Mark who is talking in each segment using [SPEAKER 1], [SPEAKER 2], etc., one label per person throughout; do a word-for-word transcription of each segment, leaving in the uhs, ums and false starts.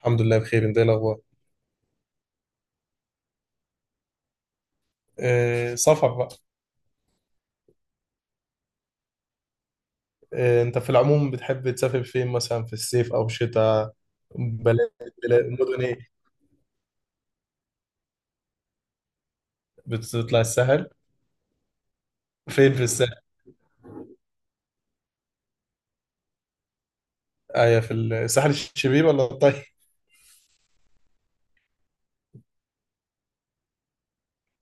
[SPEAKER 1] الحمد لله بخير، انت ايه الاخبار؟ آه، سفر بقى. آه، انت في العموم بتحب تسافر فين مثلا في الصيف او الشتاء؟ بلاد. بلاد، مدن، ايه؟ بتطلع الساحل؟ فين في الساحل؟ ايوه، في الساحل الشبيب ولا الطيب؟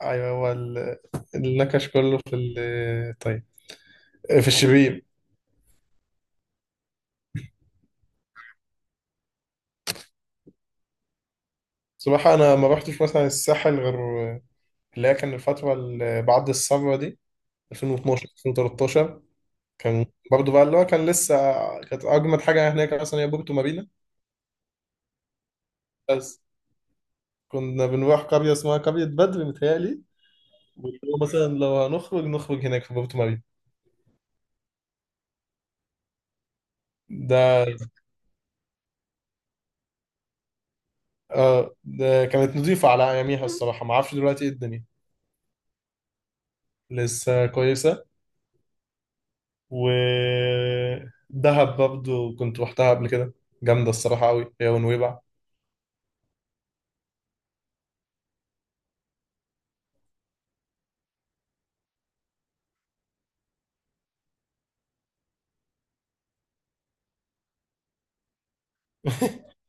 [SPEAKER 1] ايوه، هو ال- النكش كله في الطيب. آه، في الشبيب. صراحة انا ما رحتش مثلا الساحل غير اللي هي كان الفترة اللي بعد الثورة دي، ألفين واتناشر ألفين وتلتاشر. كان برضه بقى اللي هو كان لسه. كانت اجمد حاجة هناك مثلا هي بورتو مارينا. بس كنا بنروح قرية اسمها قرية بدر، متهيألي. واللي هو مثلا لو هنخرج نخرج هناك في بورتو ماري ده. اه، ده كانت نضيفة على أياميها الصراحة، ما أعرفش دلوقتي إيه الدنيا. لسه كويسة. و دهب برضه كنت روحتها قبل كده. جامدة الصراحة أوي، هي ونويبع.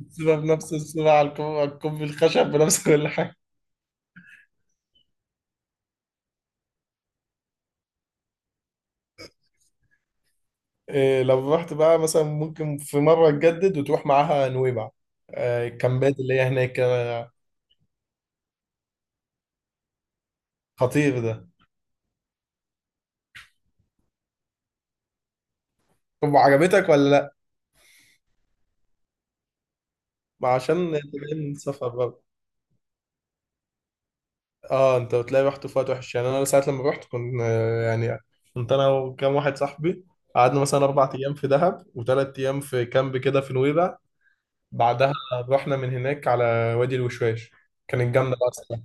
[SPEAKER 1] السبب نفس السبب، على الكوب على الكوب الخشب بنفس كل حاجة. إيه، لو رحت بقى مثلا ممكن في مرة تجدد وتروح معاها نويبع، آه، الكامبات اللي هي هناك. خطير ده. طب عجبتك ولا؟ ما عشان انت جاي من سفر بقى. اه، انت بتلاقي رحت في وقت وحش يعني، انا ساعة لما رحت كنت آه، يعني كنت انا وكام واحد صاحبي. قعدنا مثلا اربع ايام في دهب وثلاث ايام في كامب كده في نويبع. بعدها رحنا من هناك على وادي الوشواش. كانت جامدة بقى الصراحة.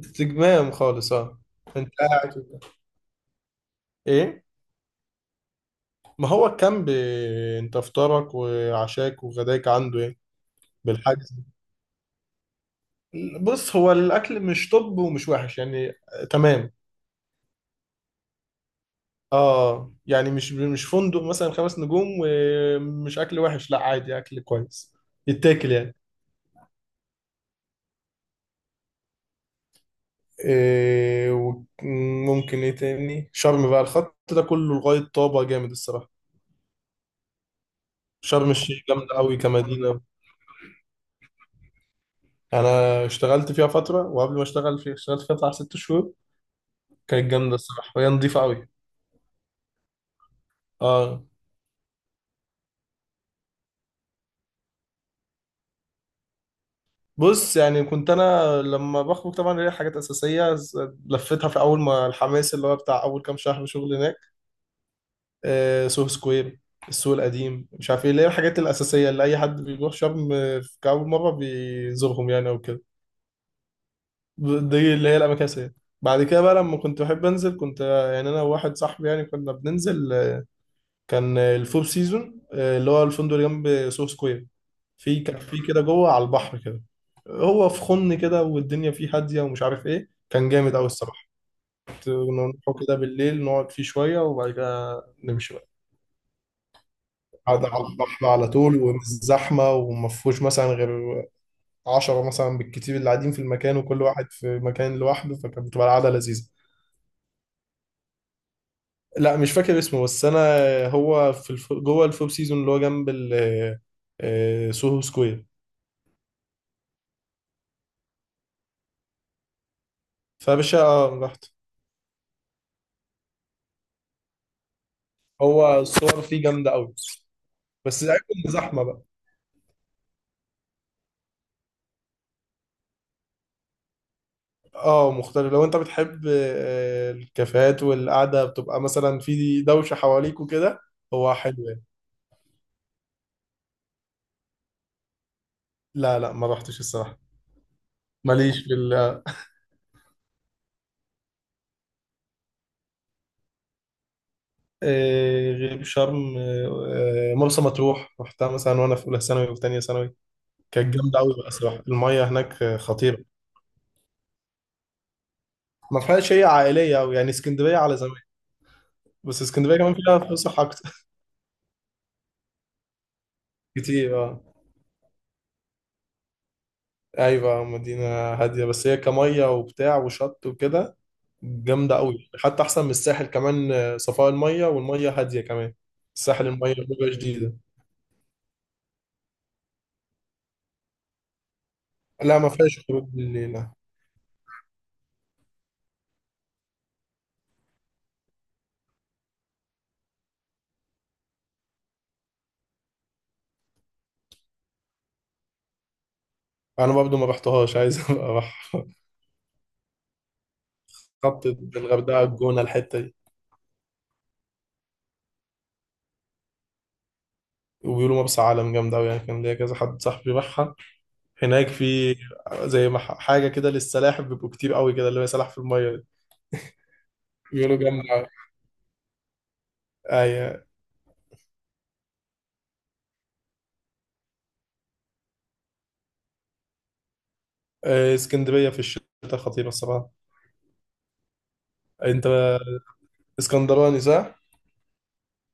[SPEAKER 1] استجمام خالص اه. انت قاعد وبتاع. ايه؟ ما هو الكامب، آه، انت افطارك وعشاك وغداك عنده ايه؟ بالحجز. بص، هو الاكل مش طب ومش وحش يعني، آه، تمام. اه يعني مش مش فندق مثلا خمس نجوم، ومش اكل وحش، لا عادي اكل كويس، يتاكل يعني. إيه؟ وممكن ايه تاني، شرم بقى الخط ده كله لغاية طابة جامد الصراحة. شرم الشيخ جامدة قوي كمدينة. انا اشتغلت فيها فترة، وقبل ما اشتغل فيها اشتغلت فيها بتاع ست شهور. كانت جامدة الصراحة وهي نضيفة قوي. اه. بص يعني كنت انا لما بخرج طبعا ليا حاجات اساسية، ز- لفيتها في اول ما الحماس اللي هو بتاع اول كام شهر شغل هناك. آه، سوهو سكوير، السوق القديم، مش عارف ايه اللي هي الحاجات الاساسيه اللي اي حد بيروح شرم آه، في كاول مره بيزورهم يعني او كده. ب- دي اللي هي الاماكن الاساسيه. بعد كده بقى لما كنت بحب انزل كنت آه، يعني انا وواحد صاحبي يعني كنا بننزل آه، كان آه، الفور سيزون، آه، اللي هو الفندق اللي جنب سوهو سكوير، في كافيه كده جوه على البحر كده. هو في خن كده والدنيا فيه هاديه ومش عارف ايه، كان جامد قوي الصراحه. كنت كنا نروح كده بالليل نقعد فيه شويه وبعد كده نمشي بقى. قاعد على البحر على طول ومش زحمة، وما فيهوش مثلا غير عشرة مثلا بالكتير اللي قاعدين في المكان، وكل واحد في مكان لوحده، فكانت بتبقى القعدة لذيذة. لا، مش فاكر اسمه بس أنا، هو في الف... جوه الفور سيزون اللي هو جنب ال آه، سوهو سكوير. فباشا آه، رحت. هو الصور فيه جامدة أوي، بس العيب إن زحمة بقى. اه مختلف، لو انت بتحب آه، الكافيهات والقعدة بتبقى مثلا في دوشة حواليك وكده، هو حلو يعني. لا لا ما رحتش الصراحة. ماليش في. آه، غير شرم، آه، آه، مرسى مطروح رحتها مثلا وانا في اولى ثانوي وفي ثانيه ثانوي. كانت جامده قوي بقى صراحه، الميه هناك آه، خطيره. ما فيهاش، هي عائليه قوي يعني اسكندريه على زمان. بس اسكندريه كمان فيها فسح اكتر. كتير اه. ايوه مدينه هاديه، بس هي كميه وبتاع وشط وكده. جامده قوي، حتى احسن من الساحل كمان، آه، صفاء الميه والميه هاديه كمان. الساحل الميه بتبقى شديده. لا، ما فيهاش خروج بالليل، لا. انا برضو ما رحتها، مش عايز ابقى اروح. خطط. الغردقه، الجونه، الحته دي. وبيقولوا مرسى علم جامدة أوي يعني، كان ليا كذا حد صاحبي راحها هناك، في زي ما ح- حاجة كده للسلاحف، بيبقوا كتير أوي كده اللي هي سلاحف في المية دي. بيقولوا جامدة أوي. أيوة. آه، اسكندرية في الشتاء خطيرة الصراحة. أنت اسكندراني صح؟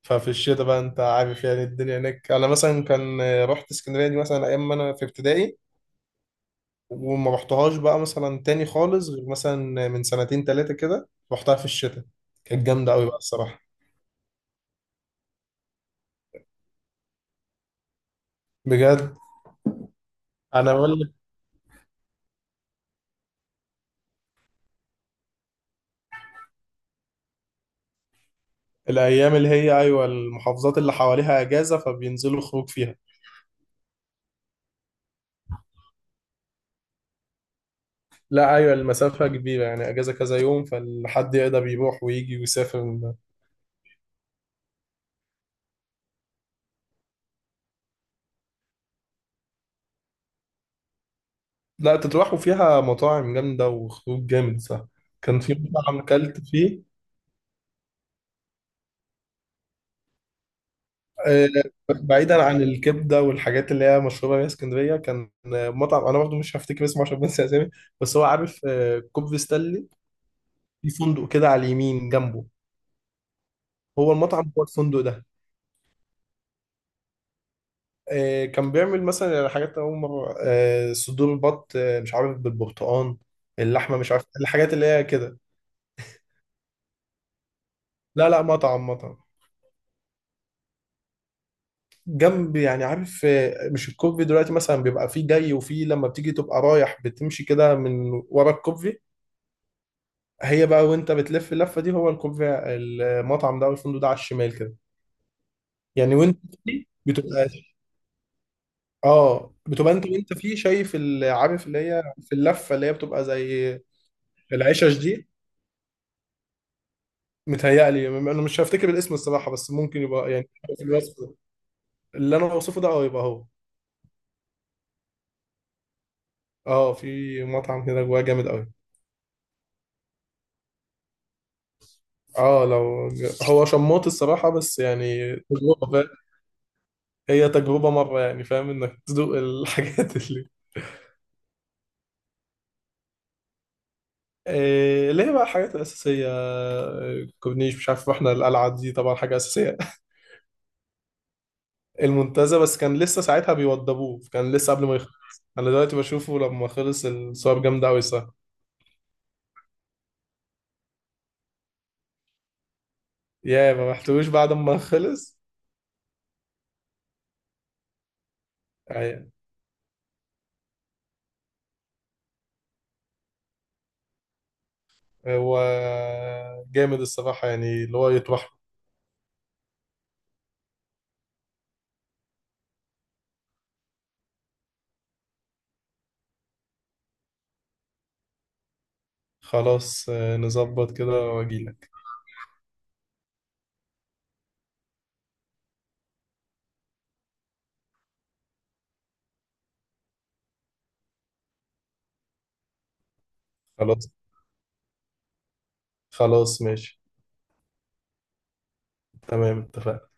[SPEAKER 1] ففي الشتاء بقى أنت عارف، يعني الدنيا هناك أنا مثلا كان آه، رحت اسكندرية دي مثلا أيام ما أنا في ابتدائي. وما رحتهاش بقى مثلا تاني خالص، غير مثلا من سنتين تلاتة كده رحتها في الشتاء. كانت جامدة أوي بقى الصراحة. بجد؟ أنا بقول الايام اللي هي ايوه، المحافظات اللي حواليها اجازه فبينزلوا خروج فيها. لا، ايوه المسافه كبيره يعني، اجازه كذا يوم فالحد يقدر يروح ويجي ويسافر من ده. لا، تتراحوا فيها مطاعم جامده وخروج جامد صح. كان في مطعم اكلت فيه، آه، بعيدا عن الكبده والحاجات اللي هي مشهوره بيها اسكندريه، كان آه، مطعم انا برضه مش هفتكر اسمه عشان بنسى اسامي، بس هو عارف آه، كوبري ستانلي، في فندق كده على اليمين جنبه. هو المطعم هو الفندق ده. آه، كان بيعمل مثلا يعني حاجات أول مرة، آه، صدور بط، آه، مش عارف بالبرتقال، اللحمة، مش عارف الحاجات اللي هي كده. لا لا مطعم مطعم. جنب يعني عارف آه، مش الكوفي دلوقتي مثلا بيبقى فيه جاي، وفيه لما بتيجي تبقى رايح بتمشي كده من ورا الكوفي. هي بقى وانت بتلف اللفة دي، هو الكوفي المطعم ده والفندق ده على الشمال كده يعني. وانت فيه بتبقى، اه بتبقى انت وانت فيه شايف ال- عارف اللي هي في اللفة اللي هي بتبقى زي العشش دي. متهيألي م- انا مش هفتكر الاسم الصراحه، بس ممكن يبقى يعني في الوصف ده. اللي انا اوصفه ده اه يبقى هو. اه، في مطعم كده جواه جامد قوي. اه لو ج- هو شموت الصراحه، بس يعني تجربه فاهم. هي تجربه مره يعني فاهم انك تدوق الحاجات اللي إيه اللي هي بقى الحاجات الاساسيه، آه، كورنيش مش عارف احنا، القلعه دي طبعا حاجه اساسيه. المنتزه بس كان لسه ساعتها بيوضبوه، كان لسه قبل ما يخلص، انا دلوقتي بشوفه لما خلص الصور جامده قوي الصراحه. يا ما رحتوش بعد ما خلص. يعني هو جامد الصراحة يعني اللي هو يطرح. خلاص، آه، نظبط كده واجيلك. خلاص خلاص ماشي. تمام اتفقنا.